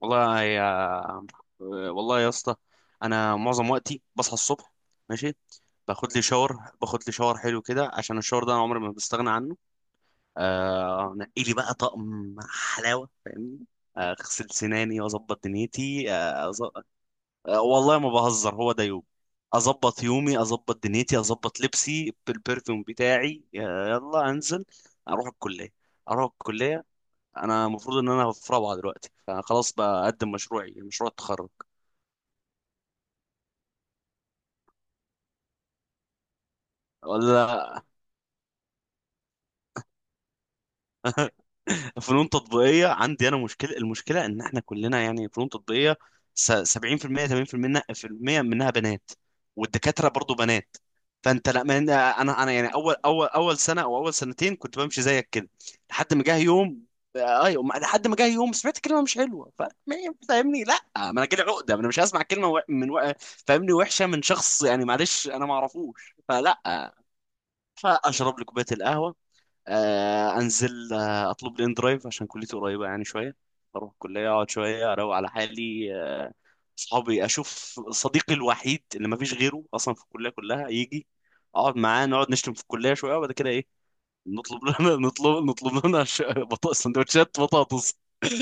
والله يا والله يا اسطى، انا معظم وقتي بصحى الصبح. ماشي. باخد لي شاور حلو كده، عشان الشاور ده انا عمري ما بستغنى عنه. آه، نقي لي بقى طقم حلاوه، فاهمني؟ اغسل سناني واظبط دنيتي. آه والله ما بهزر، هو ده يوم. اظبط يومي، اظبط دنيتي، اظبط لبسي بالبرفيوم بتاعي. يلا انزل اروح الكليه اروح الكليه. انا المفروض ان في رابعه دلوقتي، فانا خلاص بقدم مشروعي، مشروع التخرج. ولا فنون تطبيقية عندي. أنا المشكلة إن إحنا كلنا يعني فنون تطبيقية. 70% 80% في المية منها بنات، والدكاترة برضو بنات. فأنت، لا، ما أنا يعني أول سنة أو أول سنتين كنت بمشي زيك كده، لحد ما جه يوم. آه، أيوة ما- لحد ما جه يوم سمعت كلمة مش حلوة. ف- ما فاهمني؟ لا، ما أنا كده عقدة. ما أنا مش هسمع كلمة فاهمني، وحشة من شخص يعني. معلش، أنا ما أعرفوش، فلا. فأشرب لي كوباية القهوة. انزل. اطلب لي ان درايف عشان كليتي قريبه يعني شويه. اروح الكليه، اقعد شويه، اروق على حالي. آه، صحابي اشوف صديقي الوحيد اللي ما فيش غيره اصلا في الكليه كلها، يجي اقعد معاه، نقعد نشتم في الكليه شويه، وبعد كده ايه؟ نطلب لنا نطلب لنا بطاطس، سندوتشات بطاطس.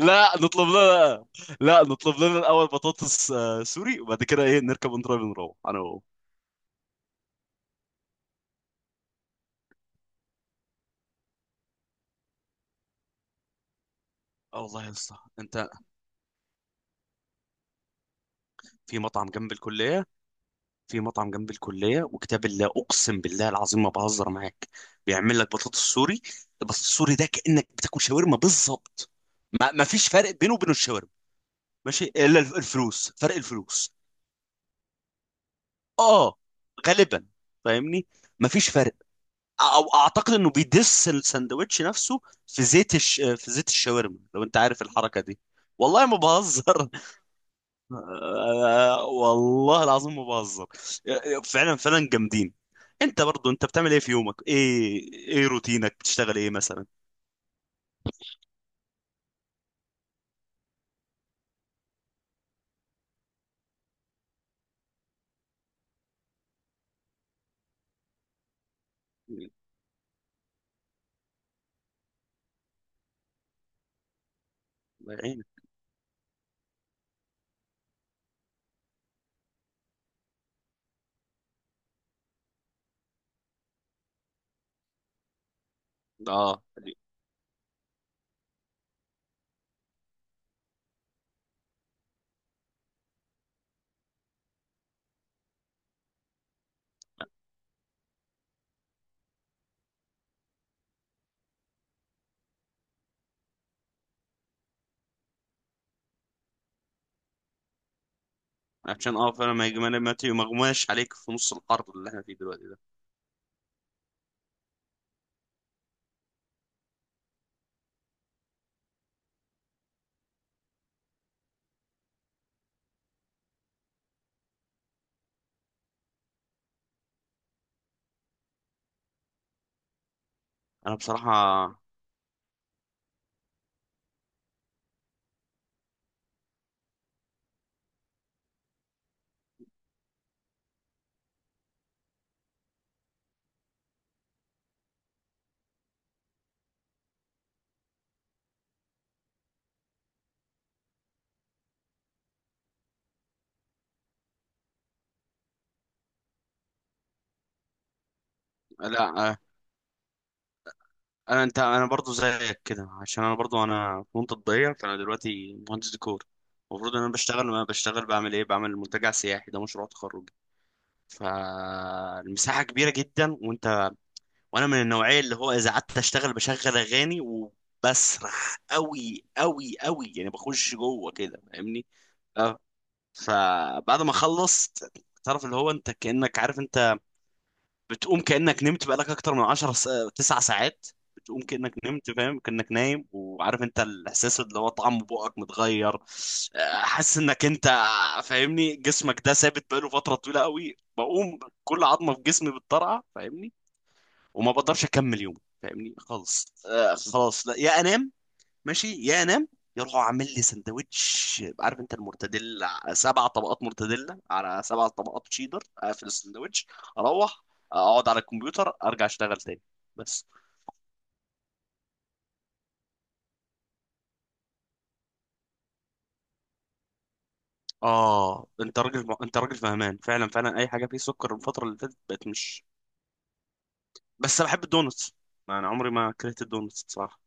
لا نطلب لنا لا نطلب لنا الاول بطاطس سوري، وبعد كده ايه؟ نركب ان درايف نروح انا وهو. اه والله يا اسطى، انت في مطعم جنب الكليه في مطعم جنب الكليه، وكتاب الله اقسم بالله العظيم ما بهزر معاك، بيعمل لك بطاطس سوري. البطاطس السوري ده كانك بتاكل شاورما بالظبط. ما فيش فرق بينه وبين الشاورما. ماشي؟ الا الفلوس، فرق الفلوس. اه، غالبا. فاهمني؟ ما فيش فرق. او اعتقد انه بيدس الساندوتش نفسه في زيت الشاورما، لو انت عارف الحركه دي. والله ما بهزر. آه، والله العظيم ما بهزر. فعلا فعلا جامدين. انت برضو، انت بتعمل ايه في يومك؟ ايه ايه روتينك؟ بتشتغل ايه مثلا؟ الله يعينك. اه، عشان اه فعلا ما يجي- ما مغماش عليك في نص الحر اللي احنا فيه دلوقتي ده. انا بصراحة، لا. انا برضو زيك كده، عشان انا برضو انا في منطقة ضيقة. فانا دلوقتي مهندس ديكور، المفروض ان انا بشتغل. ما بشتغل بعمل ايه؟ بعمل منتجع سياحي، ده مشروع تخرجي. فالمساحة كبيرة جدا، وانا من النوعيه اللي هو اذا قعدت اشتغل بشغل اغاني وبسرح قوي قوي قوي، يعني بخش جوه كده، فاهمني؟ اه. فبعد ما خلصت، تعرف اللي هو انت كانك عارف، انت بتقوم كانك نمت بقالك اكتر من 9 ساعات. بتقوم كانك نمت، فاهم؟ كانك نايم، وعارف انت الاحساس اللي هو طعم بقك متغير. آه، حاسس انك انت، فاهمني، جسمك ده ثابت بقاله فتره طويله قوي. بقوم كل عظمه في جسمي بتطرقع، فاهمني؟ وما بقدرش اكمل يوم، فاهمني خالص. آه، خلاص لا، يا انام ماشي، يا انام. يروحوا عامل لي سندوتش، عارف انت، المرتديلا سبع طبقات مرتديلا على سبع طبقات تشيدر، اقفل السندوتش. اروح اقعد على الكمبيوتر، ارجع اشتغل تاني بس. اه، انت راجل، انت راجل فهمان. فعلا فعلا اي حاجه فيه سكر الفتره اللي فاتت بقت مش. بس انا بحب الدونتس، انا عمري ما كرهت الدونتس بصراحه.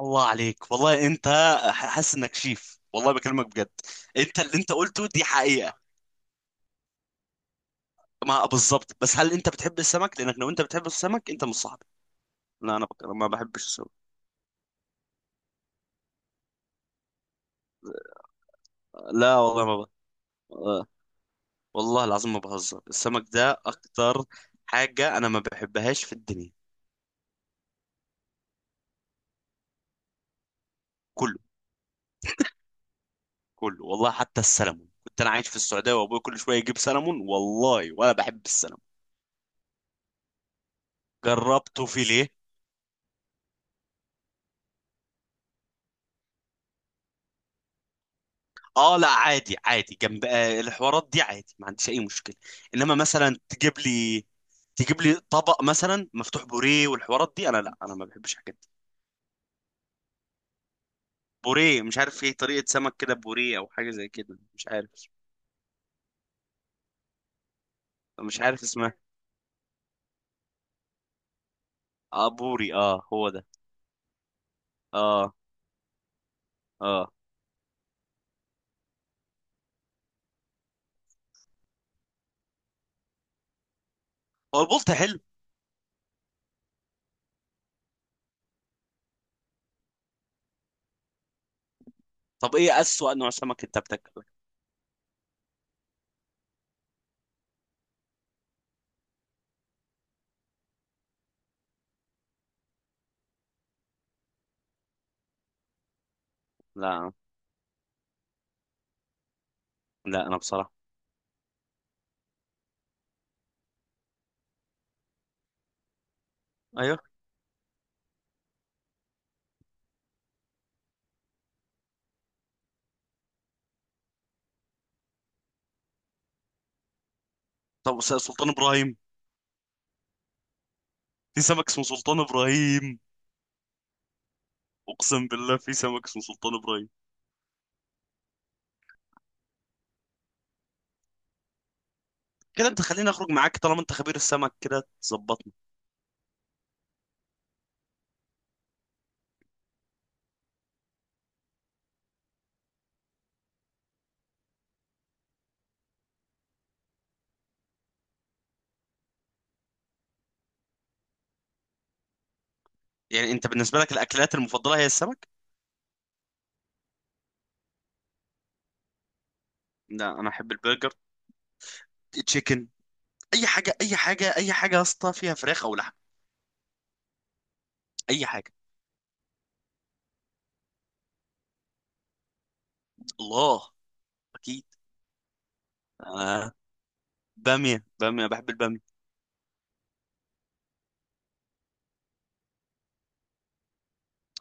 الله عليك، والله انت حاسس انك شيف، والله بكلمك بجد. انت اللي انت قلته دي حقيقة. ما بالظبط. بس هل انت بتحب السمك؟ لانك لو انت بتحب السمك انت مش صاحبي. لا، ما بحبش السمك. لا والله ما ب... آه، والله العظيم ما بهزر، السمك ده اكتر حاجة انا ما بحبهاش في الدنيا. كله، كله والله، حتى السلمون. كنت انا عايش في السعودية وابوي كل شوية يجيب سلمون، والله ولا بحب السلمون. جربته فيليه. اه لا، عادي عادي، جنب الحوارات دي عادي، ما عنديش اي مشكله. انما مثلا تجيب لي طبق مثلا مفتوح بوريه والحوارات دي، انا لا، انا ما بحبش الحاجات دي. بوريه مش عارف ايه، طريقه سمك كده بوريه او حاجه زي كده، مش عارف. مش عارف اسمها. اه بوري، اه هو ده. اه. اه، هو البلطي حلو؟ طب ايه اسوأ نوع سمك انت بتاكله؟ لا لا، انا بصراحه. ايوه. سلطان ابراهيم. في سمك اسمه سلطان ابراهيم. اقسم بالله في سمك اسمه سلطان ابراهيم. كده انت خليني اخرج معاك طالما انت خبير السمك كده، تظبطني. يعني انت بالنسبه لك الاكلات المفضله هي السمك؟ لا انا احب البرجر، تشيكن، اي حاجه اي حاجه اي حاجه يا اسطى فيها فراخ او لحم. اي حاجه. الله، اكيد. آه. باميه، باميه، بحب الباميه.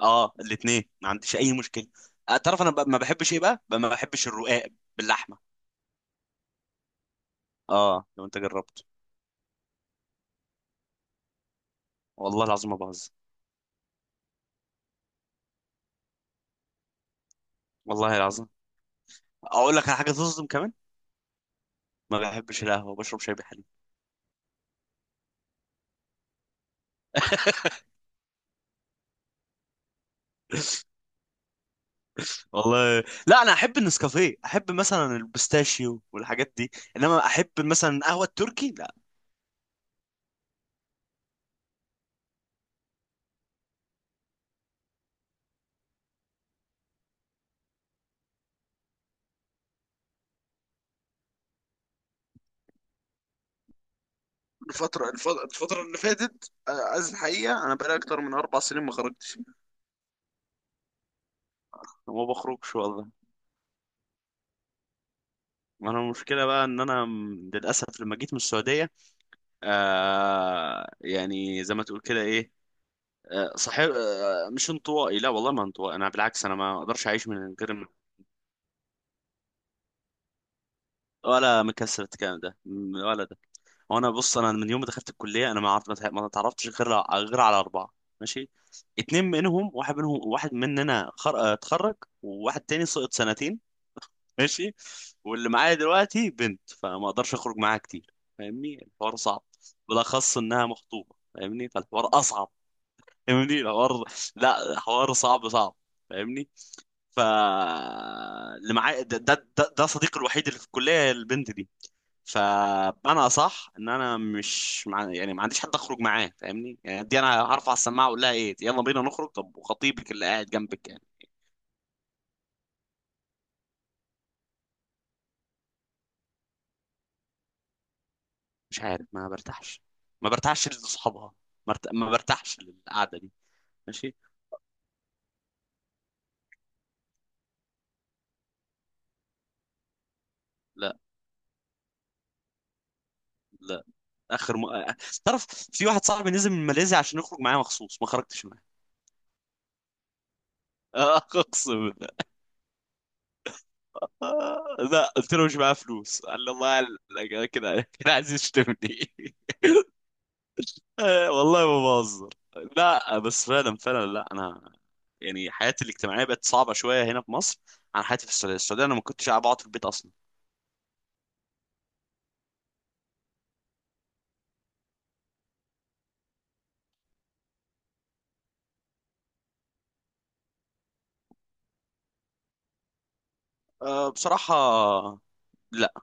اه الاثنين ما عنديش اي مشكله. آه، تعرف انا ما بحبش ايه بقى؟ ما بحبش الرقاق باللحمه. اه لو انت جربت. والله العظيم ما بهزر. والله العظيم. اقول لك على حاجه تصدم كمان. ما بحبش القهوه، بشرب شاي بحليب. والله لا، انا احب النسكافيه، احب مثلا البستاشيو والحاجات دي. انما احب مثلا قهوه التركي لا. الفترة اللي فاتت عايز الحقيقة أنا بقالي أكتر من أربع سنين ما خرجتش. ما بخرجش والله. ما انا المشكله بقى ان انا للاسف لما جيت من السعوديه، آه يعني زي ما تقول كده ايه. آه صحيح، آه مش انطوائي، لا والله ما انطوائي. انا بالعكس، انا ما اقدرش اعيش من غير. ولا مكسر، الكلام ده ولا ده. وانا، بص، انا من يوم ما دخلت الكليه انا ما عرفت، ما اتعرفتش غير، غير على اربعه. ماشي. اتنين منهم، واحد منهم، اتخرج، وواحد تاني سقط سنتين. ماشي. واللي معايا دلوقتي بنت، فما اقدرش اخرج معاها كتير، فاهمني الحوار صعب، بالاخص انها مخطوبه. فاهمني فالحوار اصعب. فاهمني الحوار لا حوار صعب صعب. فاهمني. ف، اللي معايا ده صديقي الوحيد اللي في الكليه، البنت دي. فانا صح ان انا مش مع... يعني ما عنديش حد اخرج معاه، فاهمني يعني. دي انا هرفع السماعه اقول لها ايه؟ يلا بينا نخرج، طب وخطيبك اللي قاعد جنبك يعني. مش عارف، ما برتاحش، ما برتاحش لاصحابها. ما برتاحش للقعده دي. ماشي. لا لا. آه، تعرف، في واحد صاحبي نزل من ماليزيا عشان يخرج معايا مخصوص، ما خرجتش معاه. آه، اقسم بالله. آه، لا قلت له مش معايا فلوس، قال لي الله، قال لك كده كده عايز يشتمني. آه، والله ما بهزر. لا بس فعلا فعلا، لا انا يعني حياتي الاجتماعيه بقت صعبه شويه هنا في مصر، عن حياتي في السعوديه. السعوديه انا ما كنتش قاعد بقعد في البيت اصلا. أه بصراحه، لا.